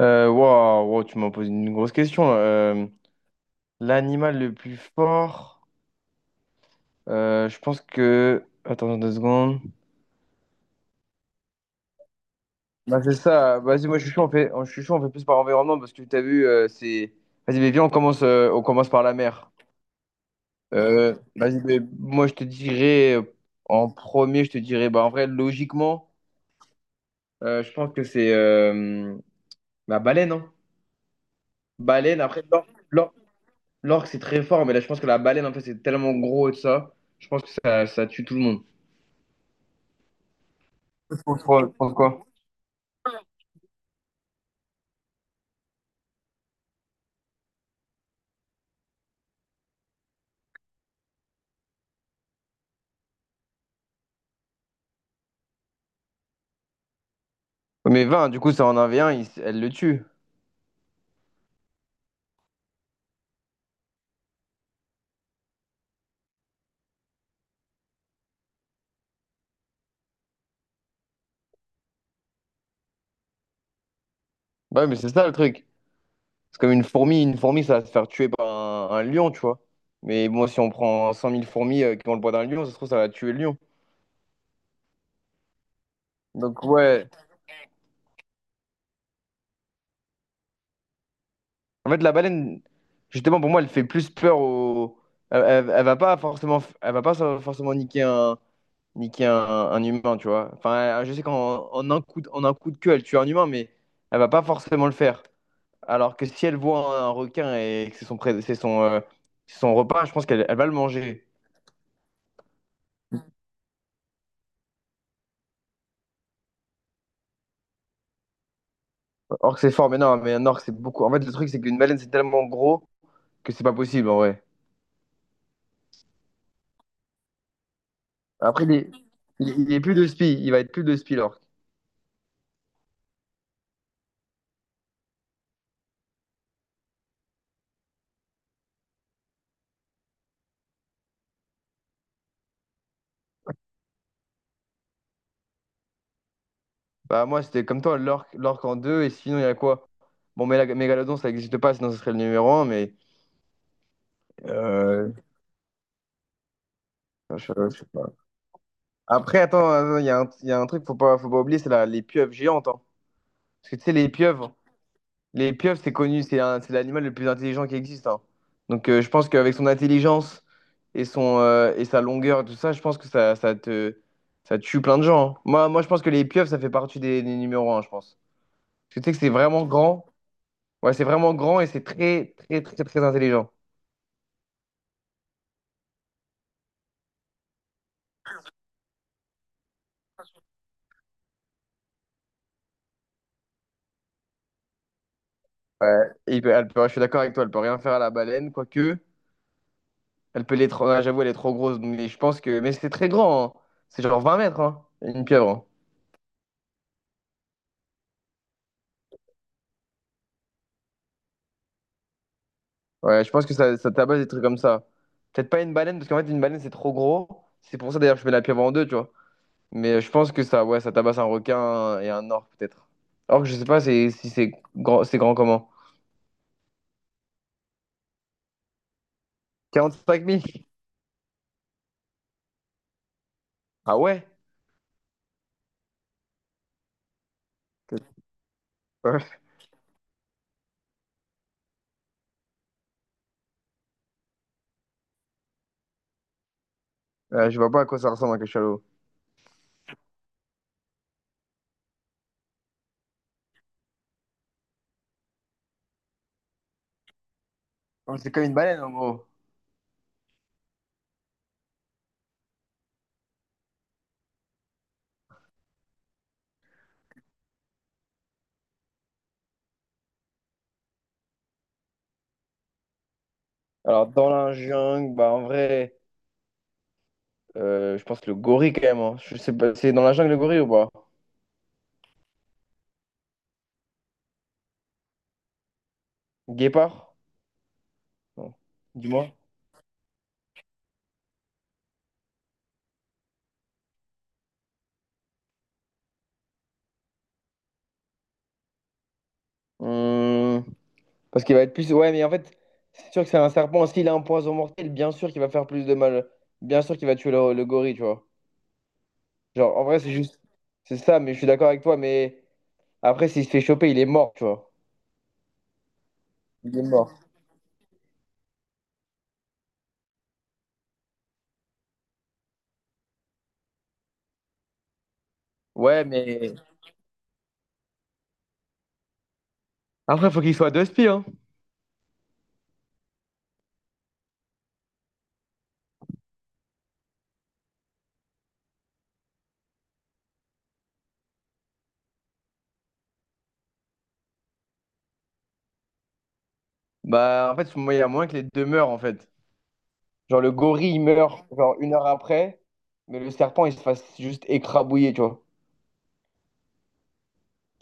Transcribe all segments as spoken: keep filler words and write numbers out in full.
Euh, Waouh, wow, tu m'as posé une grosse question. Euh, l'animal le plus fort, euh, je pense que. Attends deux secondes. Bah, c'est ça. Vas-y, moi je suis chaud, on fait, je suis chaud, on fait plus par environnement parce que tu as vu, euh, c'est. Vas-y, mais viens, on commence, euh, on commence par la mer. Euh, vas-y, mais moi je te dirais, euh, en premier, je te dirais, bah en vrai, logiquement, euh, je pense que c'est euh, la baleine, hein. Baleine, après, l'or- l'or- l'orque, c'est très fort, mais là je pense que la baleine, en fait, c'est tellement gros et tout ça. Je pense que ça, ça tue tout le monde. Contrôle, pourquoi? Mais vingt, du coup, c'est en un v un, il- elle le tue. Bah ouais, mais c'est ça le truc. C'est comme une fourmi, une fourmi, ça va se faire tuer par un, un lion, tu vois. Mais bon, si on prend cent mille fourmis euh, qui ont le poids d'un lion, ça se trouve, ça va tuer le lion. Donc, ouais. En fait, la baleine, justement, pour moi, elle fait plus peur au. Elle, elle- elle va pas forcément, elle va pas so, forcément niquer un, niquer un, un humain, tu vois. Enfin, je sais qu'en en un coup de, en un coup de queue, elle tue un humain, mais elle va pas forcément le faire. Alors que si elle voit un requin et que c'est son, pré- c'est son, euh, c'est son repas, je pense qu'elle elle va le manger. Orque c'est fort, mais non, mais un orque c'est beaucoup. En fait, le truc c'est qu'une baleine c'est tellement gros que c'est pas possible en vrai. Après, il est, il est- il est plus de spi, il va être plus de spi l'orque. Bah, moi c'était comme toi, l'orque l'orque en deux, et sinon il y a quoi? Bon, mais la mégalodon ça n'existe pas, sinon ce serait le numéro un, mais. euh, je, je sais pas. Après, attends, attends, il y a un, il y a un truc faut pas, faut pas oublier, c'est la- les pieuvres géantes, hein. Parce que tu sais, les pieuvres. Les pieuvres, c'est connu, c'est un- c'est l'animal le plus intelligent qui existe, hein. Donc euh, je pense qu'avec son intelligence et, son, euh, et sa longueur, tout ça, je pense que ça, ça te, ça tue plein de gens, hein. Moi, moi, je pense que les pieuvres, ça fait partie des, des numéros un, je pense. Parce que tu sais que c'est vraiment grand. Ouais, c'est vraiment grand et c'est très, très, très, très intelligent. Ouais. Et il peut- elle peut- je suis d'accord avec toi, elle peut rien faire à la baleine, quoique. Elle peut l'être. Ah, j'avoue, elle est trop grosse. Mais je pense que. Mais c'est très grand, hein. C'est genre vingt mètres, hein, une pieuvre, hein. Ouais, je pense que ça, ça tabasse des trucs comme ça. Peut-être pas une baleine, parce qu'en fait, une baleine, c'est trop gros. C'est pour ça, d'ailleurs, que je mets la pieuvre en deux, tu vois. Mais je pense que ça, ouais, ça tabasse un requin et un orque, peut-être. Or que je sais pas c'est- si c'est grand, c'est grand comment. Quarante cinq mille. Ah ouais? Ouais. Euh, je vois pas à quoi ça ressemble un cachalot. Oh, c'est comme une baleine, en gros. Alors, dans la jungle, bah, en vrai, euh, je pense le gorille, quand même, hein. Je sais pas, c'est dans la jungle, le gorille, ou pas? Guépard? Non. Dis-moi. Hum, Parce qu'il va être plus. Ouais, mais en fait, c'est sûr que c'est un serpent. S'il a un poison mortel, bien sûr qu'il va faire plus de mal. Bien sûr qu'il va tuer le, le gorille, tu vois. Genre, en vrai, c'est juste. C'est ça, mais je suis d'accord avec toi. Mais après, s'il se fait choper, il est mort, tu vois. Il est mort. Ouais, mais. Après, faut qu'il soit deux spies, hein. Bah, en fait, il y a moyen que les deux meurent, en fait. Genre, le gorille, il meurt, genre, une heure après. Mais le serpent, il se fasse juste écrabouiller, tu vois.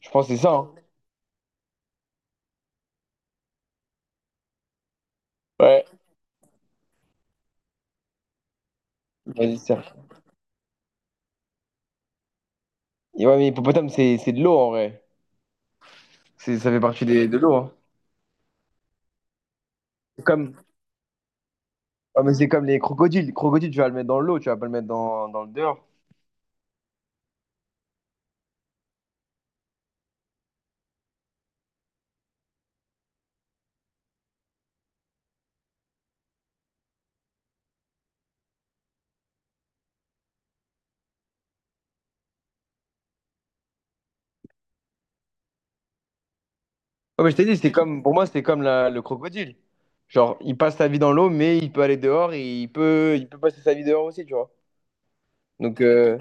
Je pense que c'est ça, hein. Ouais. Vas-y, serpent. Et ouais, mais hippopotame, c'est c'est de l'eau, en vrai. C'est- Ça fait partie des, de l'eau, hein. C'est comme. Ouais, mais c'est comme les crocodiles. Le crocodile, tu vas le mettre dans l'eau, tu vas pas le mettre dans, dans le dehors. Ouais, mais je t'ai dit, c'était comme, pour moi, c'était comme la- le crocodile. Genre, il passe sa vie dans l'eau, mais il peut aller dehors et il peut, il peut passer sa vie dehors aussi, tu vois. Donc, euh,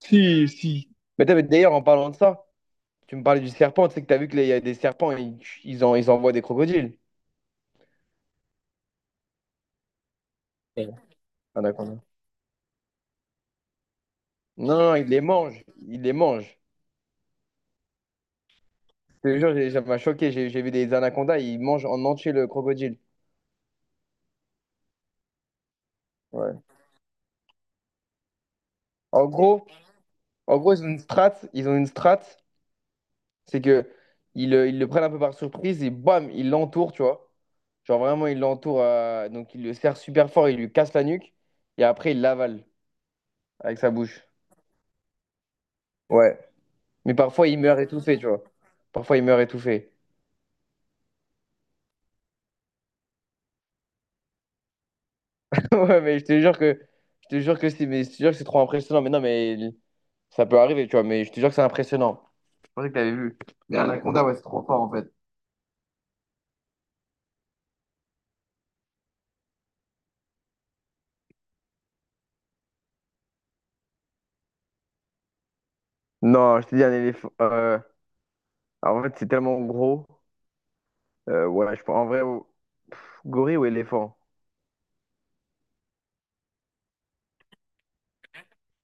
si, si. Mais t'as- mais d'ailleurs, en parlant de ça, tu me parlais du serpent, tu sais que t'as vu qu'il y a des serpents, ils, ils, en, ils envoient des crocodiles. Ouais. Anaconda. Non, non, ils les mangent. Ils les mangent. Je te jure, j'ai- ça m'a choqué. J'ai j'ai vu des anacondas, ils mangent en entier le crocodile. Ouais. En gros, en gros, ils ont une strat, ils ont une strat. C'est que ils, euh, ils le prennent un peu par surprise et bam, il l'entoure, tu vois. Genre vraiment, il l'entoure, euh, donc il le serre super fort, il lui casse la nuque et après, il l'avale avec sa bouche. Ouais. Mais parfois, il meurt étouffé, tu vois. Parfois, il meurt étouffé. Ouais, mais je te jure que je te jure que c'est mais je te jure que c'est trop impressionnant. Mais non, mais il- ça peut arriver, tu vois. Mais je te jure que c'est impressionnant. Je pensais que t'avais vu. Mais un Anaconda, ouais, c'est trop fort en fait. Non, je te dis un éléphant. euh, alors, en fait, c'est tellement gros. Euh, ouais, je pense en vrai, au- gorille ou éléphant?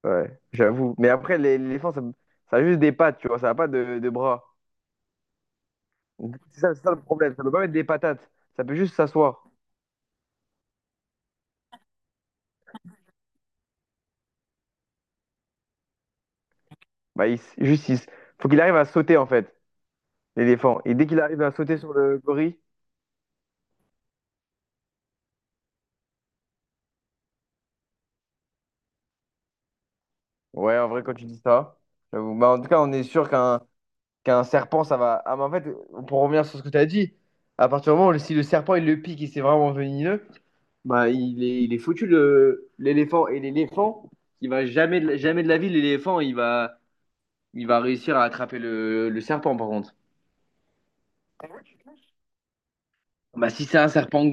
Ouais, j'avoue. Mais après, l'é- l'éléphant, ça, ça a juste des pattes, tu vois, ça n'a pas de, de bras. Donc, C'est ça, c'est ça le problème, ça peut pas mettre des patates, ça peut juste s'asseoir. Bah, il, s- juste, il s- faut qu'il arrive à sauter, en fait, l'éléphant. Et dès qu'il arrive à sauter sur le gorille, ouais, en vrai, quand tu dis ça, j'avoue. Bah, en tout cas, on est sûr qu'un qu'un serpent, ça va. Ah, mais en fait, pour revenir sur ce que tu as dit, à partir du moment où si le serpent, il le pique et c'est vraiment venimeux, bah, il est, il est foutu, le- l'éléphant. Et l'éléphant, il va jamais, de la- jamais de la vie, l'éléphant, il va. Il va réussir à attraper le, le serpent, par contre. Bah, si c'est un serpent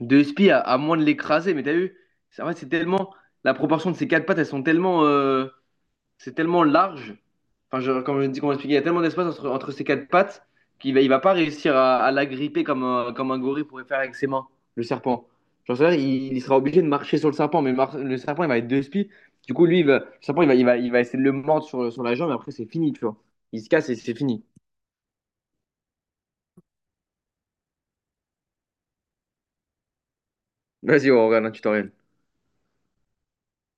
de spi, à, à moins de l'écraser, mais t'as vu? C'est- en fait, c'est tellement. La proportion de ses quatre pattes, elles sont tellement. euh, c'est tellement large. Enfin, je, comme je dis, comment expliquer, il y a tellement d'espace entre, entre ses quatre pattes qu'il va, il va pas réussir à, à la gripper comme un, comme un gorille pourrait faire avec ses mains, le serpent. Genre, c'est-à-dire, il, il sera obligé de marcher sur le serpent, mais mar- le serpent, il va être deux spies. Du coup, lui, il va, le serpent, il va, il va, il va essayer de le mordre sur, sur la jambe, et après, c'est fini, tu vois. Il se casse et c'est fini. Vas-y, on regarde, tu t'en